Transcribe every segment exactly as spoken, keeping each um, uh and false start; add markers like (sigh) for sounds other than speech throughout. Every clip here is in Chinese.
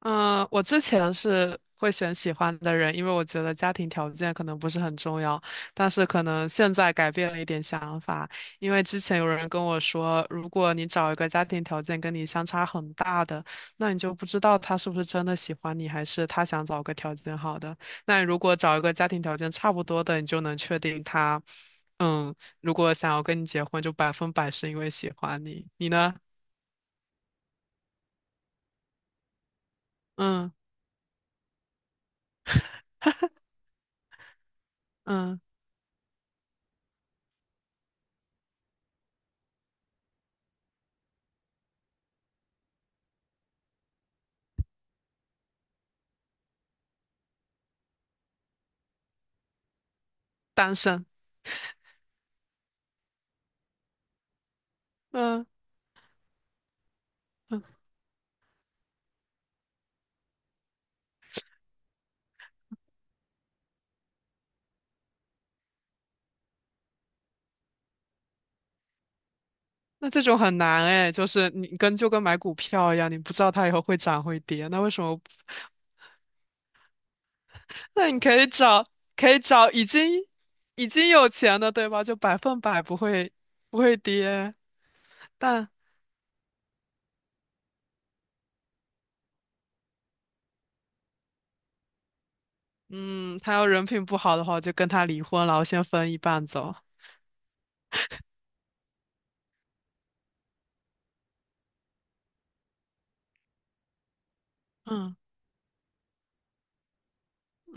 嗯，我之前是会选喜欢的人，因为我觉得家庭条件可能不是很重要，但是可能现在改变了一点想法，因为之前有人跟我说，如果你找一个家庭条件跟你相差很大的，那你就不知道他是不是真的喜欢你，还是他想找个条件好的。那如果找一个家庭条件差不多的，你就能确定他，嗯，如果想要跟你结婚，就百分百是因为喜欢你。你呢？嗯嗯，单身。嗯嗯。那这种很难哎，就是你跟就跟买股票一样，你不知道它以后会涨会跌，那为什么？那你可以找可以找已经已经有钱的，对吧？就百分百不会不会跌，但嗯，他要人品不好的话，我就跟他离婚了，我先分一半走。嗯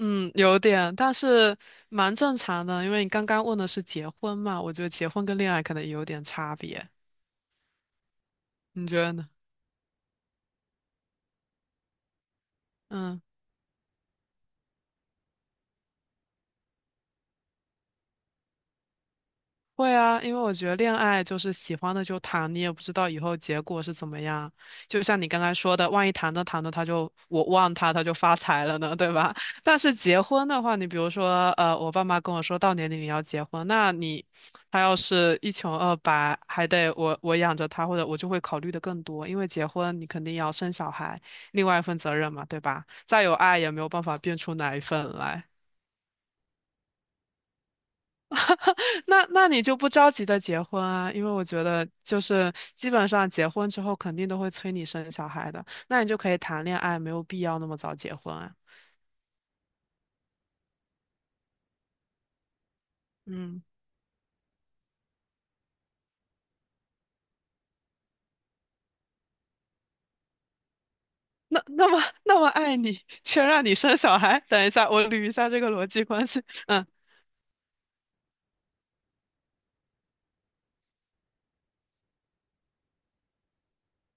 嗯，有点，但是蛮正常的，因为你刚刚问的是结婚嘛，我觉得结婚跟恋爱可能也有点差别，你觉得呢？嗯。会啊，因为我觉得恋爱就是喜欢的就谈，你也不知道以后结果是怎么样。就像你刚才说的，万一谈着谈着他就我忘他，他就发财了呢，对吧？(laughs) 但是结婚的话，你比如说，呃，我爸妈跟我说到年龄要结婚，那你他要是一穷二白，还得我我养着他，或者我就会考虑的更多，因为结婚你肯定要生小孩，另外一份责任嘛，对吧？再有爱也没有办法变出哪一份来。那那你就不着急的结婚啊，因为我觉得就是基本上结婚之后肯定都会催你生小孩的，那你就可以谈恋爱，没有必要那么早结婚啊。嗯，那那么那么爱你，却让你生小孩。等一下，我捋一下这个逻辑关系。嗯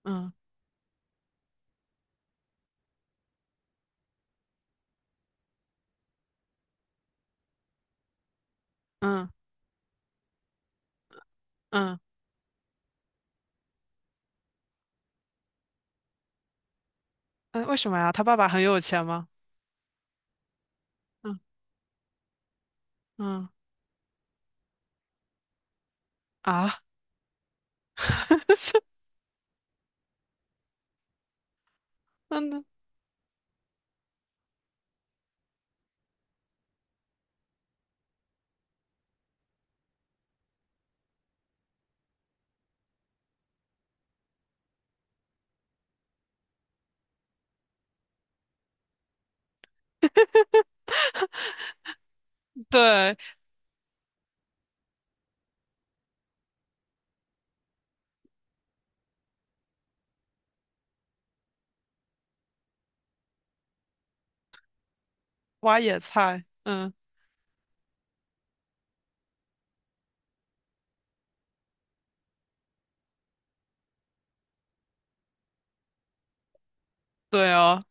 嗯嗯嗯嗯，为什么呀？他爸爸很有钱吗？嗯嗯啊，(laughs) 是嗯对，挖野菜。嗯，对哦。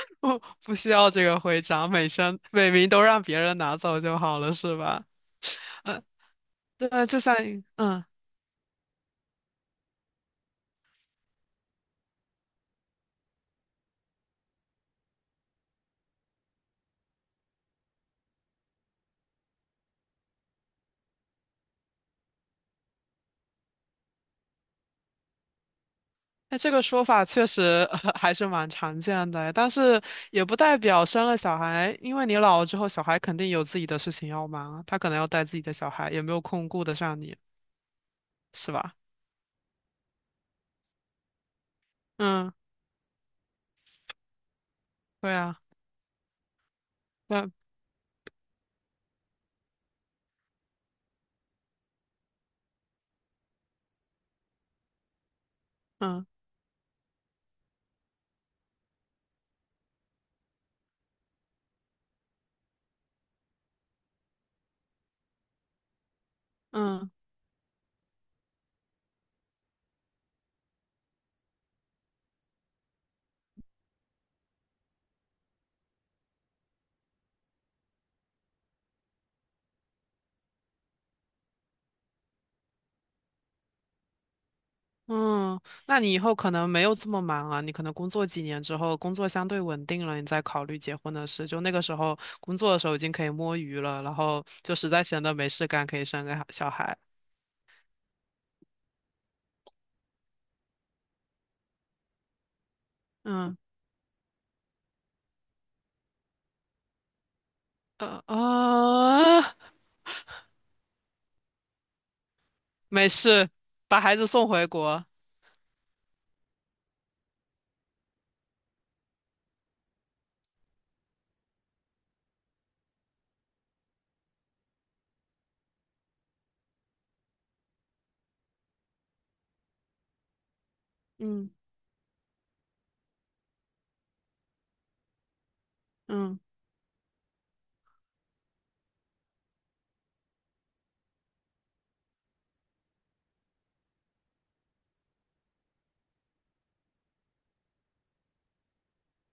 (laughs) 不不需要这个徽章，每生每名都让别人拿走就好了，是吧？嗯，对啊，就像嗯，那这个说法确实 (laughs) 呃还是蛮常见的，但是也不代表生了小孩，因为你老了之后，小孩肯定有自己的事情要忙啊，他可能要带自己的小孩，也没有空顾得上你，是吧？嗯，对啊，对，嗯嗯。嗯，那你以后可能没有这么忙啊，你可能工作几年之后，工作相对稳定了，你再考虑结婚的事。就那个时候，工作的时候已经可以摸鱼了，然后就实在闲得没事干，可以生个小孩。嗯，呃啊，(laughs) 没事，把孩子送回国。嗯嗯。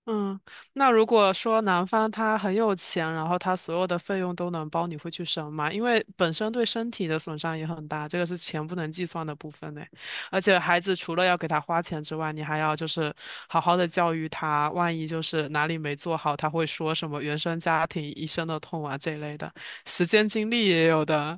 嗯，那如果说男方他很有钱，然后他所有的费用都能包，你会去生吗？因为本身对身体的损伤也很大，这个是钱不能计算的部分呢。而且孩子除了要给他花钱之外，你还要就是好好的教育他，万一就是哪里没做好，他会说什么原生家庭一生的痛啊这一类的，时间精力也有的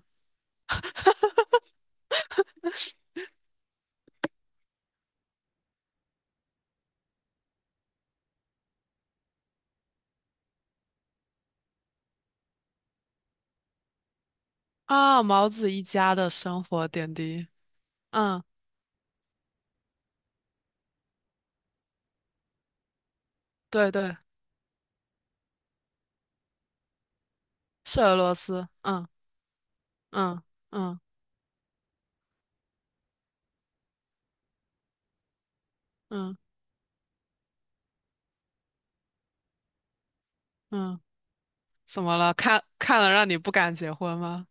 啊。毛子一家的生活点滴，嗯，对对，是俄罗斯，嗯嗯嗯嗯嗯。嗯怎么了？看看了让你不敢结婚吗？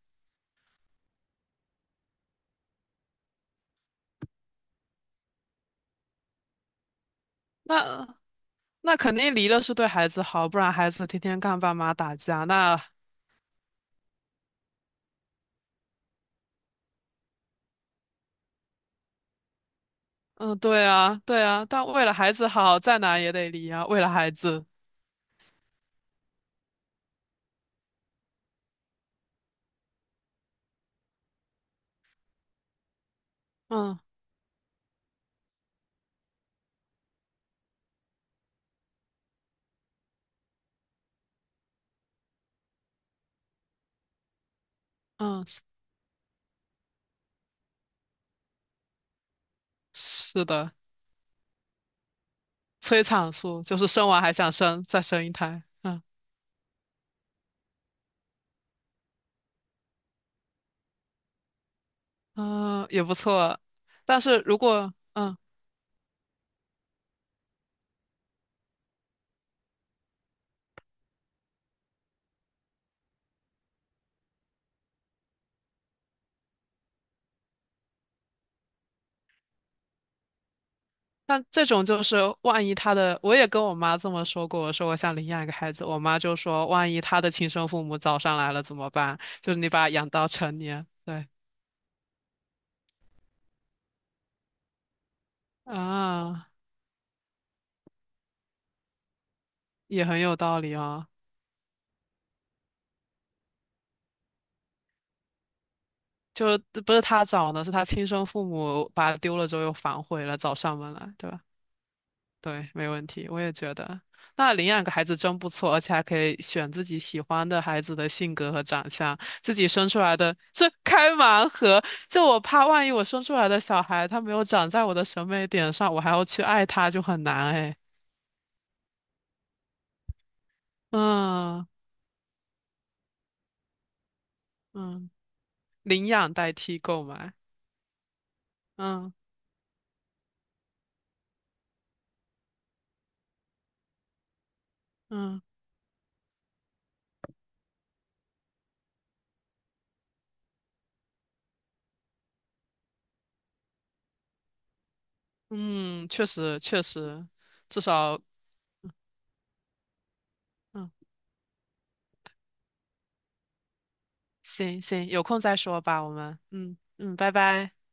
那那肯定离了是对孩子好，不然孩子天天看爸妈打架。那嗯，对啊，对啊，但为了孩子好，再难也得离啊。为了孩子，嗯嗯，是是的，催产素就是生完还想生，再生一胎。嗯嗯，也不错。但是如果嗯那这种就是，万一他的，我也跟我妈这么说过，我说我想领养一个孩子，我妈就说，万一他的亲生父母找上来了怎么办？就是你把他养到成年，对啊，也很有道理啊。就不是他找的，是他亲生父母把他丢了之后又反悔了，找上门来，对吧？对，没问题，我也觉得。那领养个孩子真不错，而且还可以选自己喜欢的孩子的性格和长相，自己生出来的这开盲盒。就我怕万一我生出来的小孩他没有长在我的审美点上，我还要去爱他就很难哎。嗯嗯，领养代替购买，嗯嗯嗯，确实确实，至少嗯行行，有空再说吧，我们嗯嗯，拜拜。